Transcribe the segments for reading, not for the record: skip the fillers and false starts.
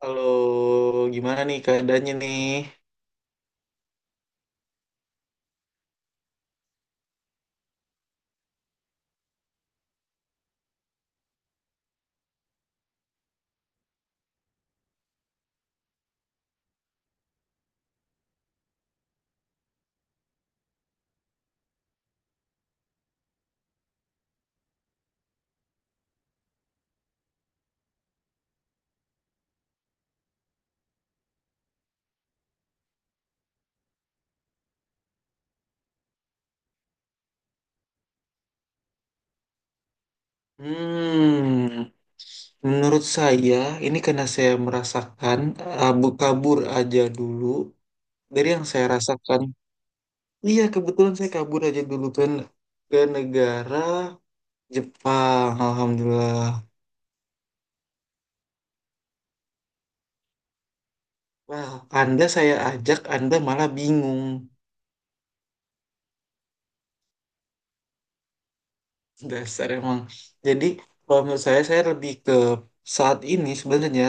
Halo, gimana nih keadaannya nih? Hmm, Menurut saya, ini karena saya merasakan abu kabur aja dulu, dari yang saya rasakan. Iya, kebetulan saya kabur aja dulu kan ke negara Jepang, alhamdulillah. Wah, Anda saya ajak, Anda malah bingung. Dasar emang. Jadi kalau menurut saya lebih ke saat ini sebenarnya.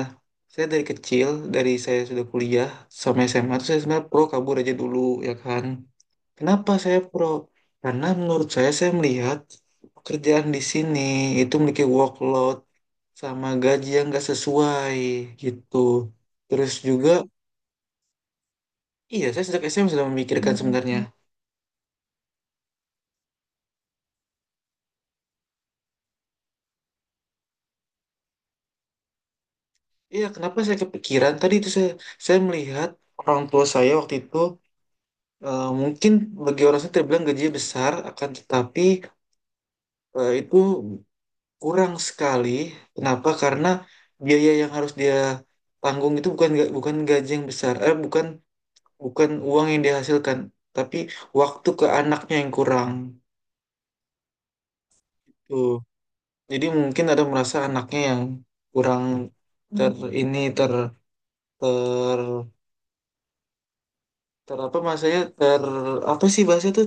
Saya dari kecil, dari saya sudah kuliah sampai SMA, tuh saya sebenarnya pro kabur aja dulu, ya kan? Kenapa saya pro? Karena menurut saya melihat pekerjaan di sini itu memiliki workload sama gaji yang nggak sesuai gitu. Terus juga, iya saya sejak SMA sudah memikirkan sebenarnya. Iya, kenapa saya kepikiran? Tadi itu saya melihat orang tua saya waktu itu. Mungkin bagi orang saya terbilang gajinya besar, akan tetapi itu kurang sekali. Kenapa? Karena biaya yang harus dia tanggung itu bukan gaji yang besar, eh bukan bukan uang yang dihasilkan, tapi waktu ke anaknya yang kurang. Tuh. Jadi mungkin ada merasa anaknya yang kurang ter ini ter ter ter apa maksudnya apa sih bahasa itu,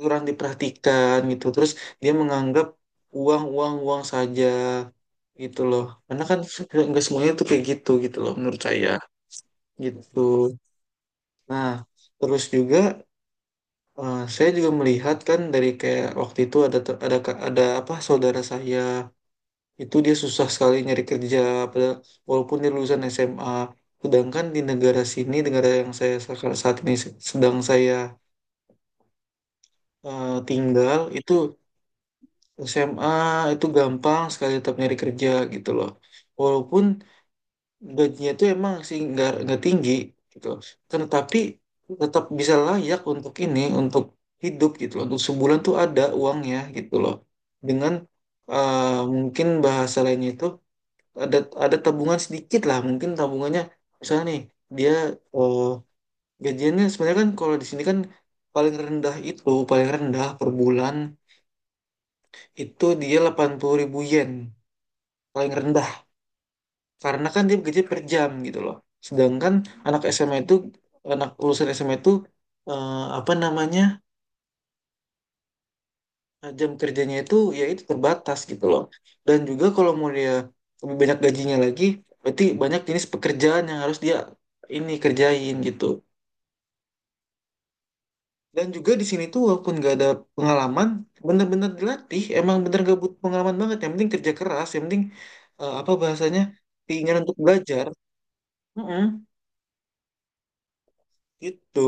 kurang diperhatikan gitu. Terus dia menganggap uang uang uang saja gitu loh, karena kan nggak semuanya tuh kayak gitu gitu loh, menurut saya gitu. Nah, terus juga saya juga melihat kan dari kayak waktu itu ada ter- ada ka- ada apa saudara saya, itu dia susah sekali nyari kerja padahal walaupun dia lulusan SMA, sedangkan di negara sini, negara yang saya saat ini sedang saya tinggal itu, SMA itu gampang sekali tetap nyari kerja gitu loh. Walaupun gajinya itu emang sih nggak tinggi gitu. Kan tapi tetap bisa layak untuk ini untuk hidup gitu loh. Untuk sebulan tuh ada uangnya gitu loh. Dengan eh, mungkin bahasa lainnya itu, ada ada tabungan sedikit lah. Mungkin tabungannya misalnya nih, dia eh, gajiannya sebenarnya kan kalau di sini kan paling rendah itu, paling rendah per bulan itu, dia 80.000 yen paling rendah, karena kan dia gaji per jam gitu loh. Sedangkan anak SMA itu, anak lulusan SMA itu eh, apa namanya, jam kerjanya itu ya itu terbatas gitu loh, dan juga kalau mau dia lebih banyak gajinya lagi, berarti banyak jenis pekerjaan yang harus dia ini kerjain gitu. Dan juga di sini tuh walaupun gak ada pengalaman, bener-bener dilatih, emang bener gak butuh pengalaman banget, yang penting kerja keras, yang penting apa bahasanya, keinginan untuk belajar. Mm-mm, gitu.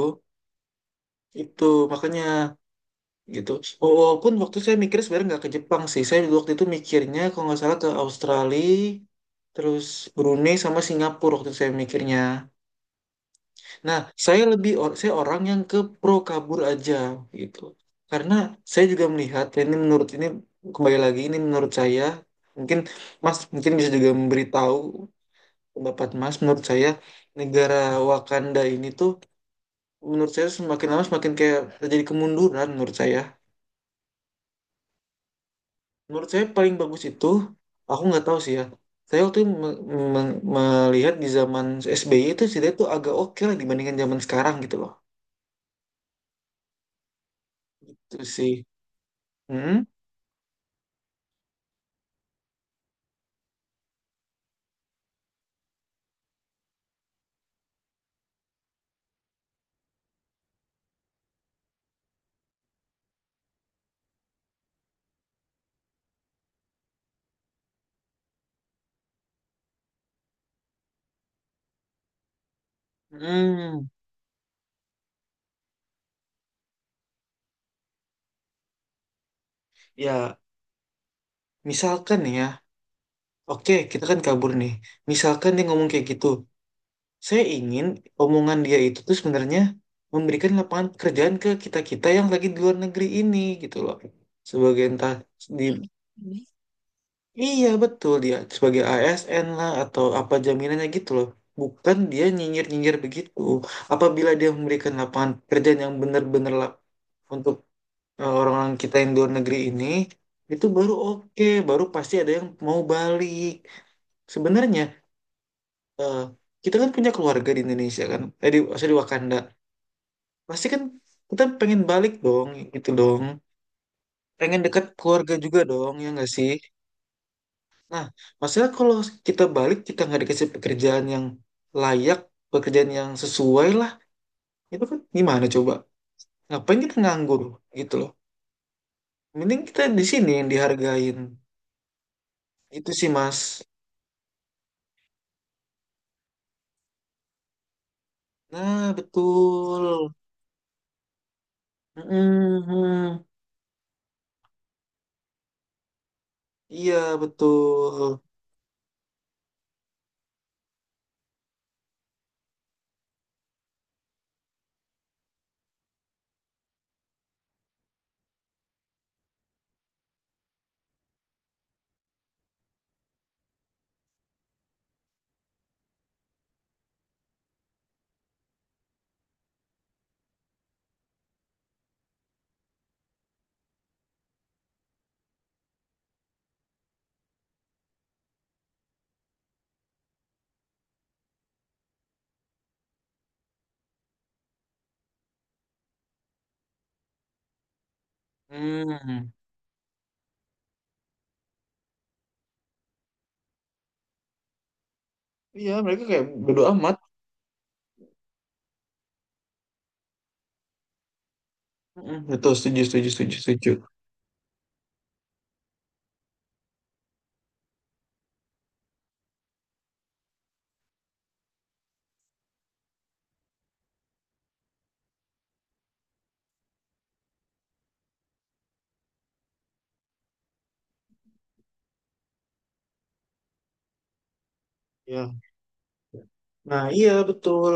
Itu makanya gitu. Walaupun waktu saya mikirnya sebenarnya nggak ke Jepang sih. Saya waktu itu mikirnya kalau nggak salah ke Australia, terus Brunei sama Singapura waktu itu saya mikirnya. Nah, saya orang yang ke pro kabur aja gitu. Karena saya juga melihat, dan ini menurut ini, kembali lagi ini menurut saya, mungkin Mas mungkin bisa juga memberitahu pendapat Mas. Menurut saya, negara Wakanda ini tuh, menurut saya, semakin lama semakin kayak terjadi kemunduran, menurut saya. Menurut saya paling bagus itu, aku nggak tahu sih ya. Saya waktu itu melihat di zaman SBY itu sih itu agak oke lah dibandingkan zaman sekarang gitu loh. Itu sih. Hmm? Hmm. Ya, misalkan nih ya. Oke, kita kan kabur nih. Misalkan dia ngomong kayak gitu. Saya ingin omongan dia itu tuh sebenarnya memberikan lapangan pekerjaan ke kita-kita yang lagi di luar negeri ini gitu loh. Sebagai entah di. Iya, betul, dia sebagai ASN lah atau apa jaminannya gitu loh. Bukan dia nyinyir-nyinyir begitu. Apabila dia memberikan lapangan pekerjaan yang benar-benar untuk orang-orang kita yang di luar negeri ini, itu baru oke, baru pasti ada yang mau balik. Sebenarnya eh, kita kan punya keluarga di Indonesia kan, sorry, di Wakanda. Pasti kan kita pengen balik dong, gitu dong. Pengen dekat keluarga juga dong, ya nggak sih? Nah, masalah kalau kita balik, kita nggak dikasih pekerjaan yang layak, pekerjaan yang sesuai lah, itu kan gimana coba? Ngapain kita nganggur gitu loh. Mending kita di sini yang dihargain. Itu sih, Mas. Nah, betul. Mhm. Iya, betul. Hmm. Iya, mereka kayak bodo amat. Mhm, betul, setuju, setuju, setuju, setuju. Iya. Nah, iya, betul.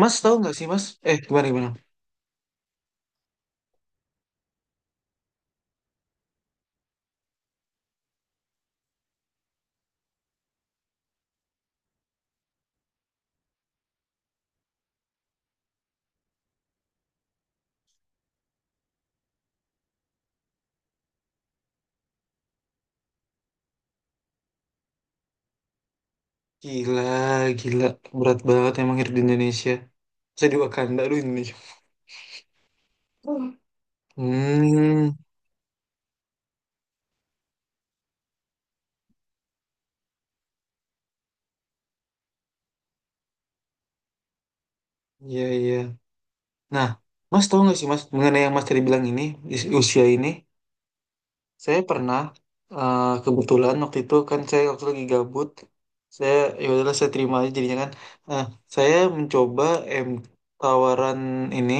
Mas, tahu nggak sih, Mas? Gimana, gimana? Gila, gila. Berat banget emang hidup di Indonesia. Saya di Wakanda, aduh Indonesia. Hmm, iya, iya. Nah, Mas tahu nggak sih, Mas, mengenai yang Mas tadi bilang ini, di usia ini, saya pernah kebetulan waktu itu kan saya waktu lagi gabut, saya ya udahlah saya terima aja jadinya kan. Nah, saya mencoba M tawaran ini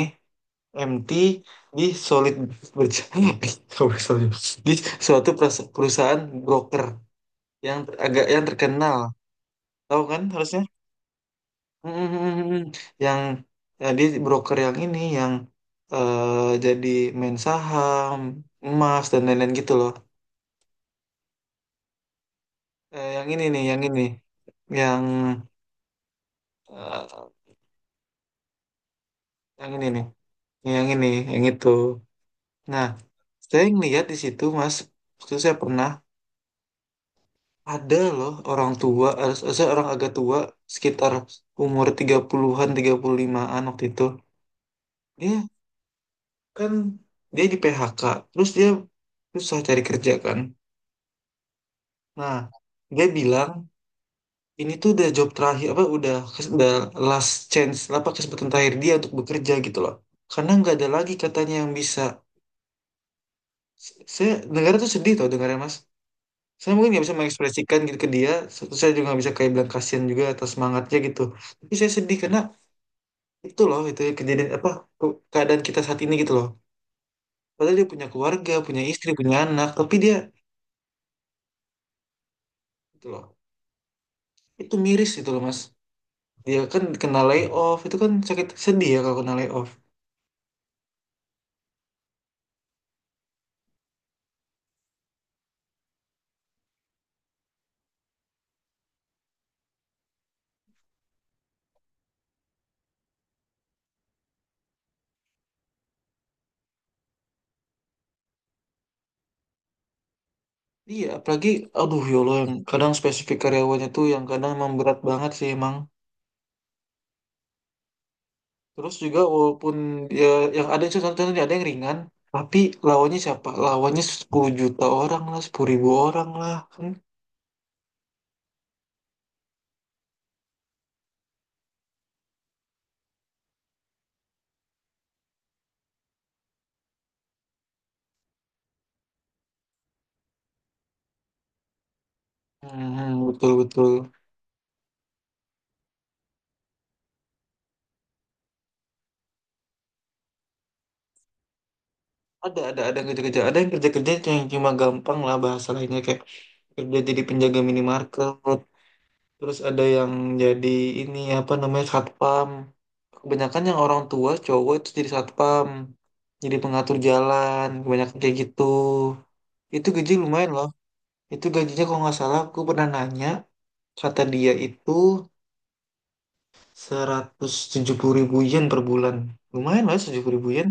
MT di solid berjalan di suatu perusahaan broker, agak yang terkenal tahu kan harusnya. Mm, yang ya, dia broker yang ini yang jadi main saham emas dan lain-lain gitu loh. Yang ini nih, yang ini yang eh, yang ini nih, yang ini yang itu. Nah, saya ngeliat di situ Mas, waktu itu saya pernah, ada loh orang tua, saya orang agak tua, sekitar umur 30-an 35-an waktu itu, dia kan dia di PHK, terus dia susah cari kerja kan. Nah, dia bilang ini tuh udah job terakhir, apa udah last chance, apa kesempatan terakhir dia untuk bekerja gitu loh, karena nggak ada lagi katanya yang bisa. Saya negara tuh sedih tau dengarnya, Mas. Saya mungkin nggak bisa mengekspresikan gitu ke dia. Terus saya juga nggak bisa kayak bilang kasihan juga atas semangatnya gitu, tapi saya sedih karena itu loh, itu ya, kejadian apa, keadaan kita saat ini gitu loh. Padahal dia punya keluarga, punya istri, punya anak, tapi dia gitu loh. Itu miris itu loh, Mas. Dia kan kena layoff, itu kan sakit sedih ya kalau kena layoff. Iya, apalagi, aduh ya Allah, yang kadang spesifik karyawannya tuh yang kadang emang berat banget sih emang. Terus juga walaupun ya yang ada itu satu ada yang ringan, tapi lawannya siapa? Lawannya 10 juta orang lah, 10.000 orang lah kan. Hmm, betul betul. Ada yang kerja-kerja yang cuma gampang lah bahasa lainnya, kayak kerja jadi penjaga minimarket, terus ada yang jadi ini apa namanya satpam. Kebanyakan yang orang tua cowok itu jadi satpam, jadi pengatur jalan, kebanyakan kayak gitu. Itu gaji lumayan loh. Itu gajinya kalau nggak salah aku pernah nanya, kata dia itu 170.000 yen per bulan. Lumayan lah 70.000 yen.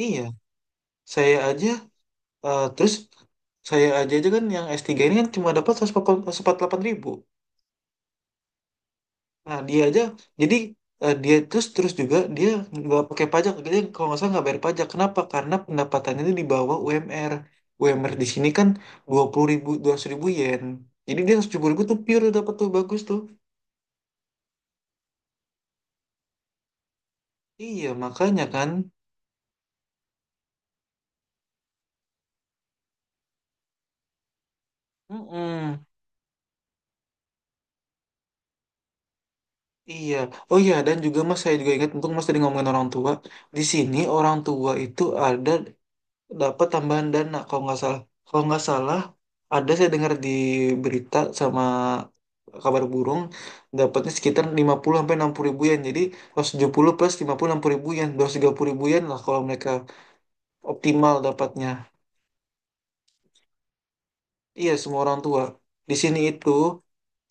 Iya, saya aja, terus saya aja aja kan, yang S3 ini kan cuma dapat 148.000. Nah, dia aja jadi dia terus terus juga, dia nggak pakai pajak. Dia kalau nggak salah nggak bayar pajak. Kenapa? Karena pendapatannya itu di bawah UMR. UMR di sini kan 20.000, 2.000 yen. Jadi dia 100.000 tuh pure dapat tuh bagus tuh. Iya makanya kan. Mm-mm. Iya. Oh iya, dan juga Mas, saya juga ingat untung Mas tadi ngomongin orang tua. Di sini orang tua itu ada dapat tambahan dana kalau nggak salah. Kalau nggak salah, ada saya dengar di berita sama kabar burung, dapatnya sekitar 50.000 sampai 60.000 yen. Jadi 170 plus 50-60 ribu yen, 230.000 yen lah kalau mereka optimal dapatnya. Iya, semua orang tua. Di sini itu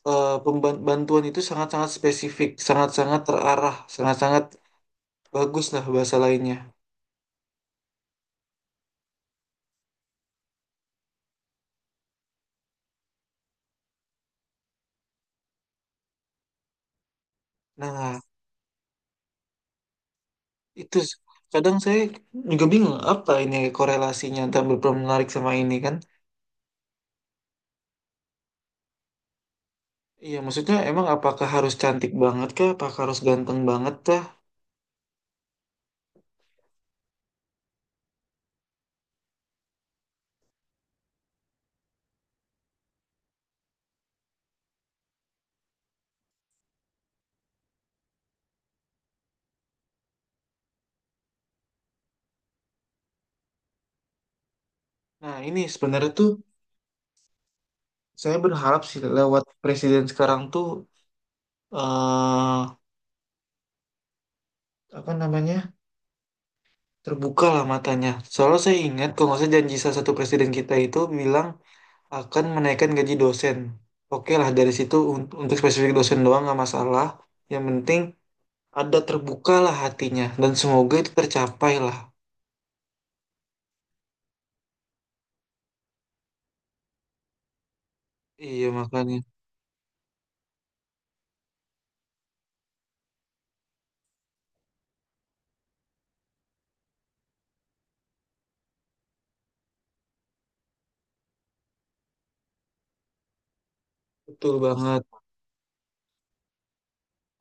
bantuan itu sangat-sangat spesifik, sangat-sangat terarah, sangat-sangat bagus lah bahasa lainnya. Nah, itu s- kadang saya juga bingung apa ini korelasinya antara berperan menarik sama ini kan. Iya, maksudnya emang apakah harus cantik banget kah? Apakah harus ganteng banget kah? Nah, ini sebenarnya tuh saya berharap sih lewat presiden sekarang tuh, eh apa namanya, terbuka lah matanya. Soalnya saya ingat kalau nggak salah janji salah satu presiden kita itu bilang akan menaikkan gaji dosen. Oke lah dari situ untuk spesifik dosen doang nggak masalah. Yang penting ada terbuka lah hatinya dan semoga itu tercapai lah. Iya makanya betul banget,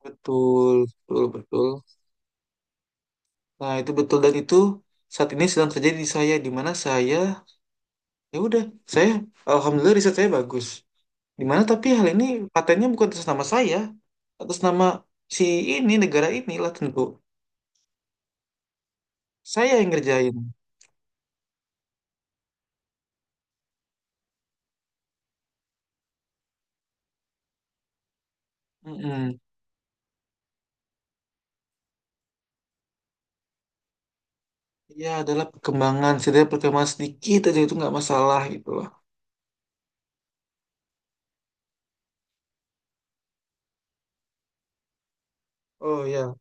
betul, betul, betul. Nah, itu betul, dan itu saat ini sedang terjadi di saya, di mana saya ya udah, saya alhamdulillah, riset saya bagus. Di mana tapi hal ini patennya bukan atas nama saya, atas nama si ini negara inilah tentu. Saya yang ngerjain. Mm-mm. Ya, adalah perkembangan, setidaknya perkembangan sedikit aja itu nggak masalah gitu loh. Oh ya,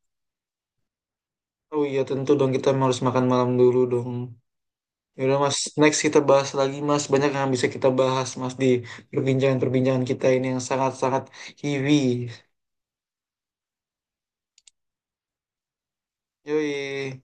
oh iya tentu dong kita harus makan malam dulu dong. Ya udah Mas, next kita bahas lagi Mas. Banyak yang bisa kita bahas Mas di perbincangan-perbincangan kita ini yang sangat-sangat heavy. Yoi.